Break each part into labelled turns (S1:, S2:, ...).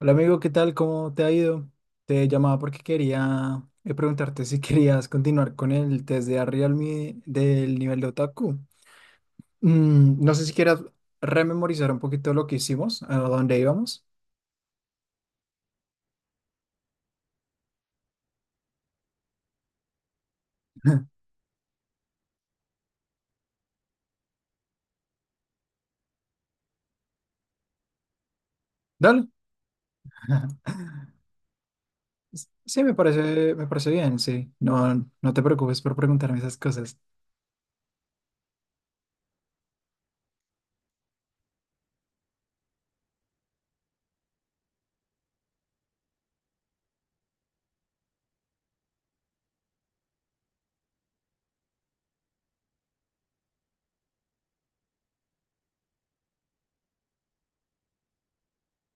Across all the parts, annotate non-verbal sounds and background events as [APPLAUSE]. S1: Hola amigo, ¿qué tal? ¿Cómo te ha ido? Te llamaba porque quería preguntarte si [LAUGHS] querías continuar con el test de Realme del nivel de otaku. No sé si quieras rememorizar un poquito lo que hicimos, a dónde íbamos. [LAUGHS] Dale. [LAUGHS] Sí, me parece bien, sí. No, no te preocupes por preguntarme esas cosas.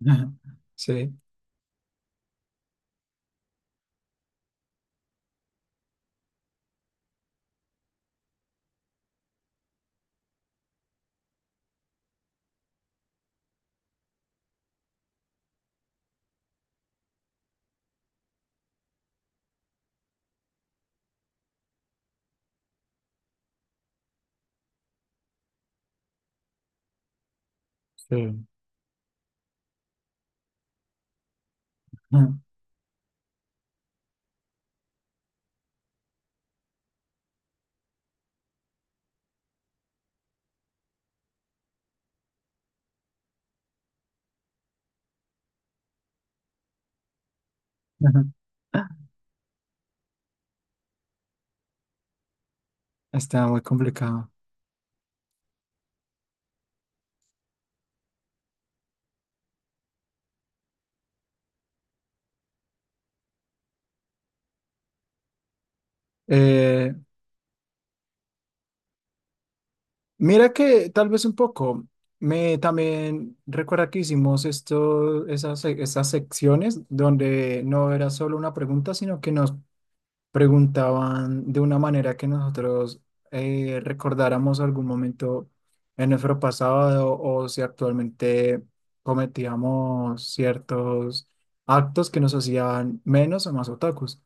S1: [LAUGHS] Sí. Sí. [LAUGHS] Está muy complicado. Eh, Mira que tal vez un poco. Me también recuerda que hicimos esto, esas secciones donde no era solo una pregunta, sino que nos preguntaban de una manera que nosotros recordáramos algún momento en nuestro pasado o si actualmente cometíamos ciertos actos que nos hacían menos o más otakus.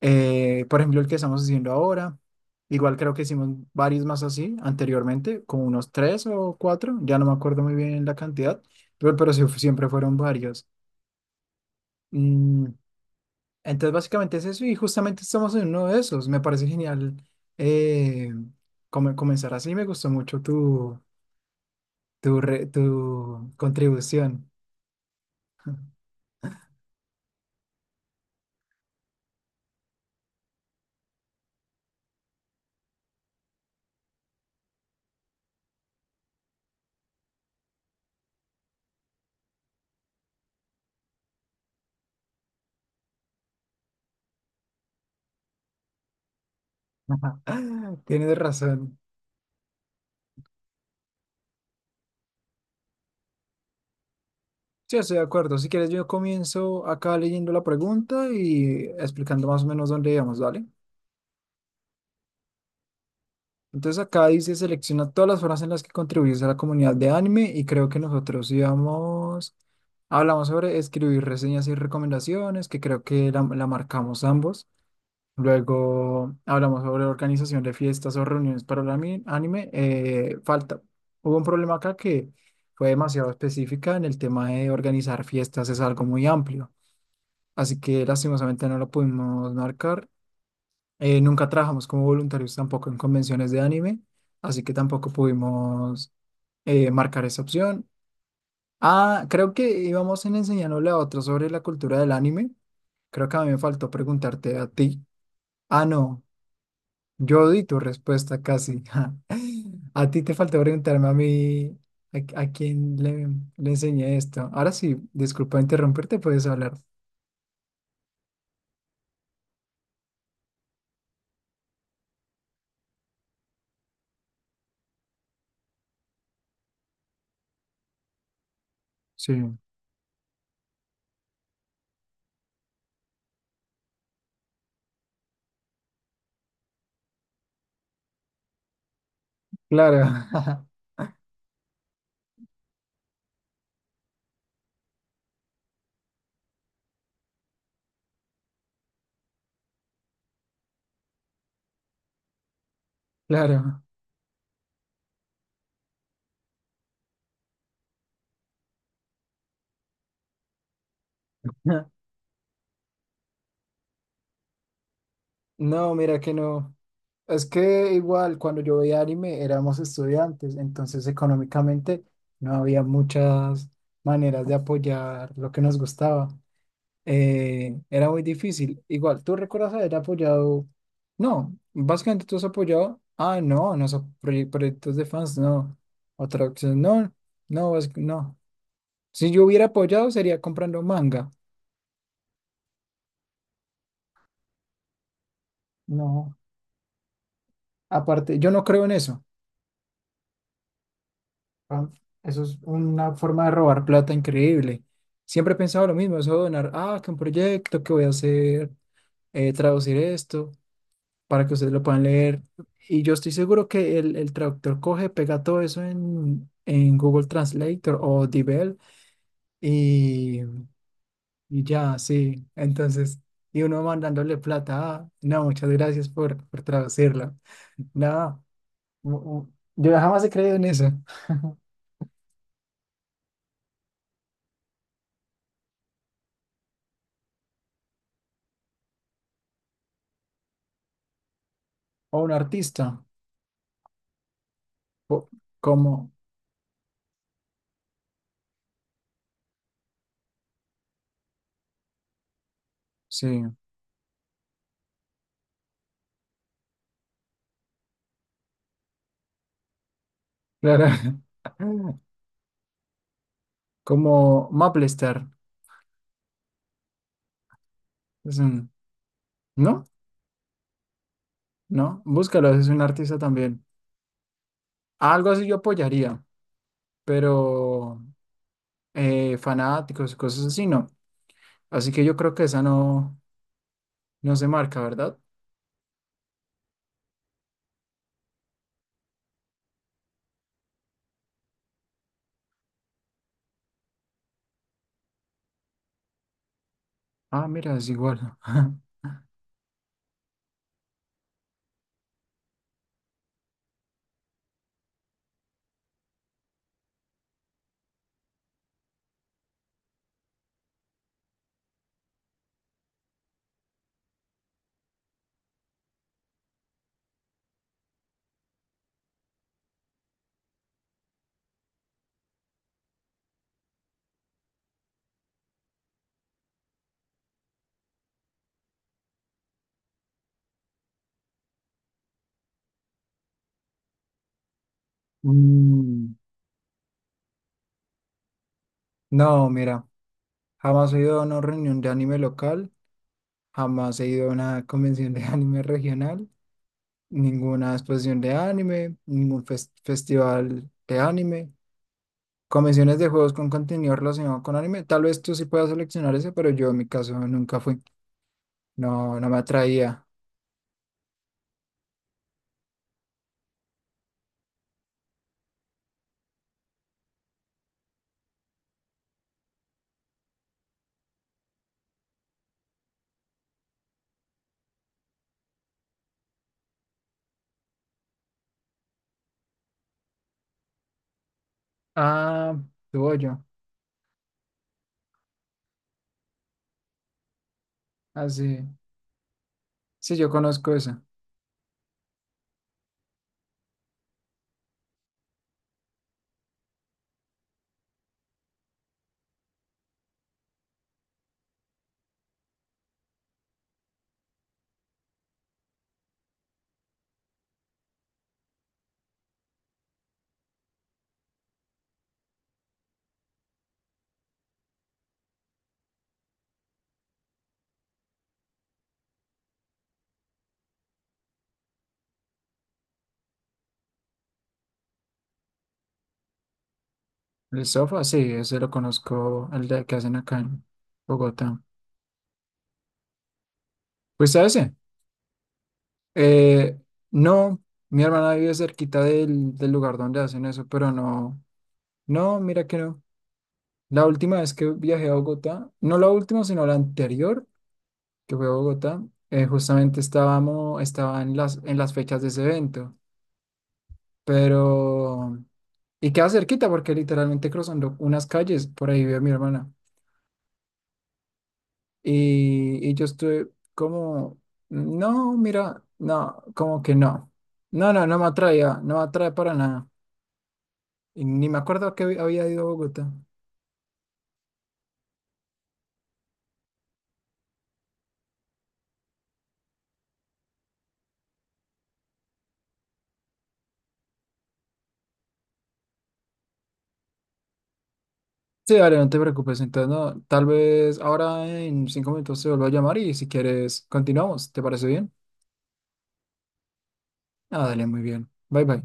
S1: Por ejemplo, el que estamos haciendo ahora, igual creo que hicimos varios más así anteriormente, como unos tres o cuatro, ya no me acuerdo muy bien la cantidad, pero sí, siempre fueron varios. Mm, entonces, básicamente es eso y justamente estamos en uno de esos. Me parece genial eh, comenzar así, me gustó mucho tu contribución. [LAUGHS] Tienes razón. Sí, estoy de acuerdo. Si quieres, yo comienzo acá leyendo la pregunta y explicando más o menos dónde íbamos, ¿vale? Entonces acá dice: selecciona todas las formas en las que contribuyes a la comunidad de anime, y creo que nosotros íbamos, hablamos sobre escribir reseñas y recomendaciones, que creo que la marcamos ambos. Luego hablamos sobre organización de fiestas o reuniones para el anime. Falta, hubo un problema acá que fue demasiado específica en el tema de organizar fiestas, es algo muy amplio. Así que lastimosamente no lo pudimos marcar. Nunca trabajamos como voluntarios tampoco en convenciones de anime, así que tampoco pudimos marcar esa opción. Ah, creo que íbamos en enseñándole a otros sobre la cultura del anime. Creo que a mí me faltó preguntarte a ti. Ah, no, yo di tu respuesta casi. [LAUGHS] A ti te faltó preguntarme a mí a quién le, le enseñé esto. Ahora sí, disculpa interrumpirte, puedes hablar. Sí, claro, [LAUGHS] claro. [LAUGHS] No, mira que no. Es que igual cuando yo veía anime éramos estudiantes, entonces económicamente no había muchas maneras de apoyar lo que nos gustaba. Era muy difícil. Igual, ¿tú recuerdas haber apoyado? No, básicamente tú has apoyado. Ah, no, no son proyectos de fans, no. Otra opción, no, no. Si yo hubiera apoyado sería comprando manga. No, aparte, yo no creo en eso. Ah, eso es una forma de robar plata increíble. Siempre he pensado lo mismo, eso de donar, ah, que un proyecto que voy a hacer, traducir esto para que ustedes lo puedan leer. Y yo estoy seguro que el traductor coge, pega todo eso en Google Translator o Dibel y, y ya, sí. Entonces, y uno mandándole plata, ah, no, muchas gracias por traducirla. Nada, yo jamás he creído en eso. O un artista, o- como sí, claro. [LAUGHS] Como Maplester. Es un- ¿No? ¿No? Búscalo, es un artista también. Algo así yo apoyaría, pero fanáticos, cosas así, no. Así que yo creo que esa no, no se marca, ¿verdad? Ah, mira, es igual. [LAUGHS] Mm, no, mira, jamás he ido a una reunión de anime local, jamás he ido a una convención de [LAUGHS] anime regional, ninguna exposición de anime, ningún festival de anime. Convenciones de juegos con contenido relacionado con anime. Tal vez tú sí puedas seleccionar ese, pero yo en mi caso nunca fui. No, no me atraía. Ah, tuvo yo. Así. Sí, sí, yo conozco esa. El sofá, sí, ese lo conozco, el de que hacen acá en Bogotá. Pues a ese. Eh, no, mi hermana vive cerquita del lugar donde hacen eso, pero no. No, mira que no. La última vez que viajé a Bogotá, no la última, sino la anterior, que fue a Bogotá, justamente estaba en las fechas de ese evento, pero... Y queda cerquita porque literalmente cruzando unas calles, por ahí vive mi hermana. Y yo estuve como, no, mira, no, como que no. No, no, no me atraía, no me atrae para nada. Y ni me acuerdo que había ido a Bogotá. Sí, dale, no te preocupes. Entonces, no, tal vez ahora en 5 minutos te vuelvo a llamar y si quieres continuamos. ¿Te parece bien? Ah, dale, muy bien. Bye, bye.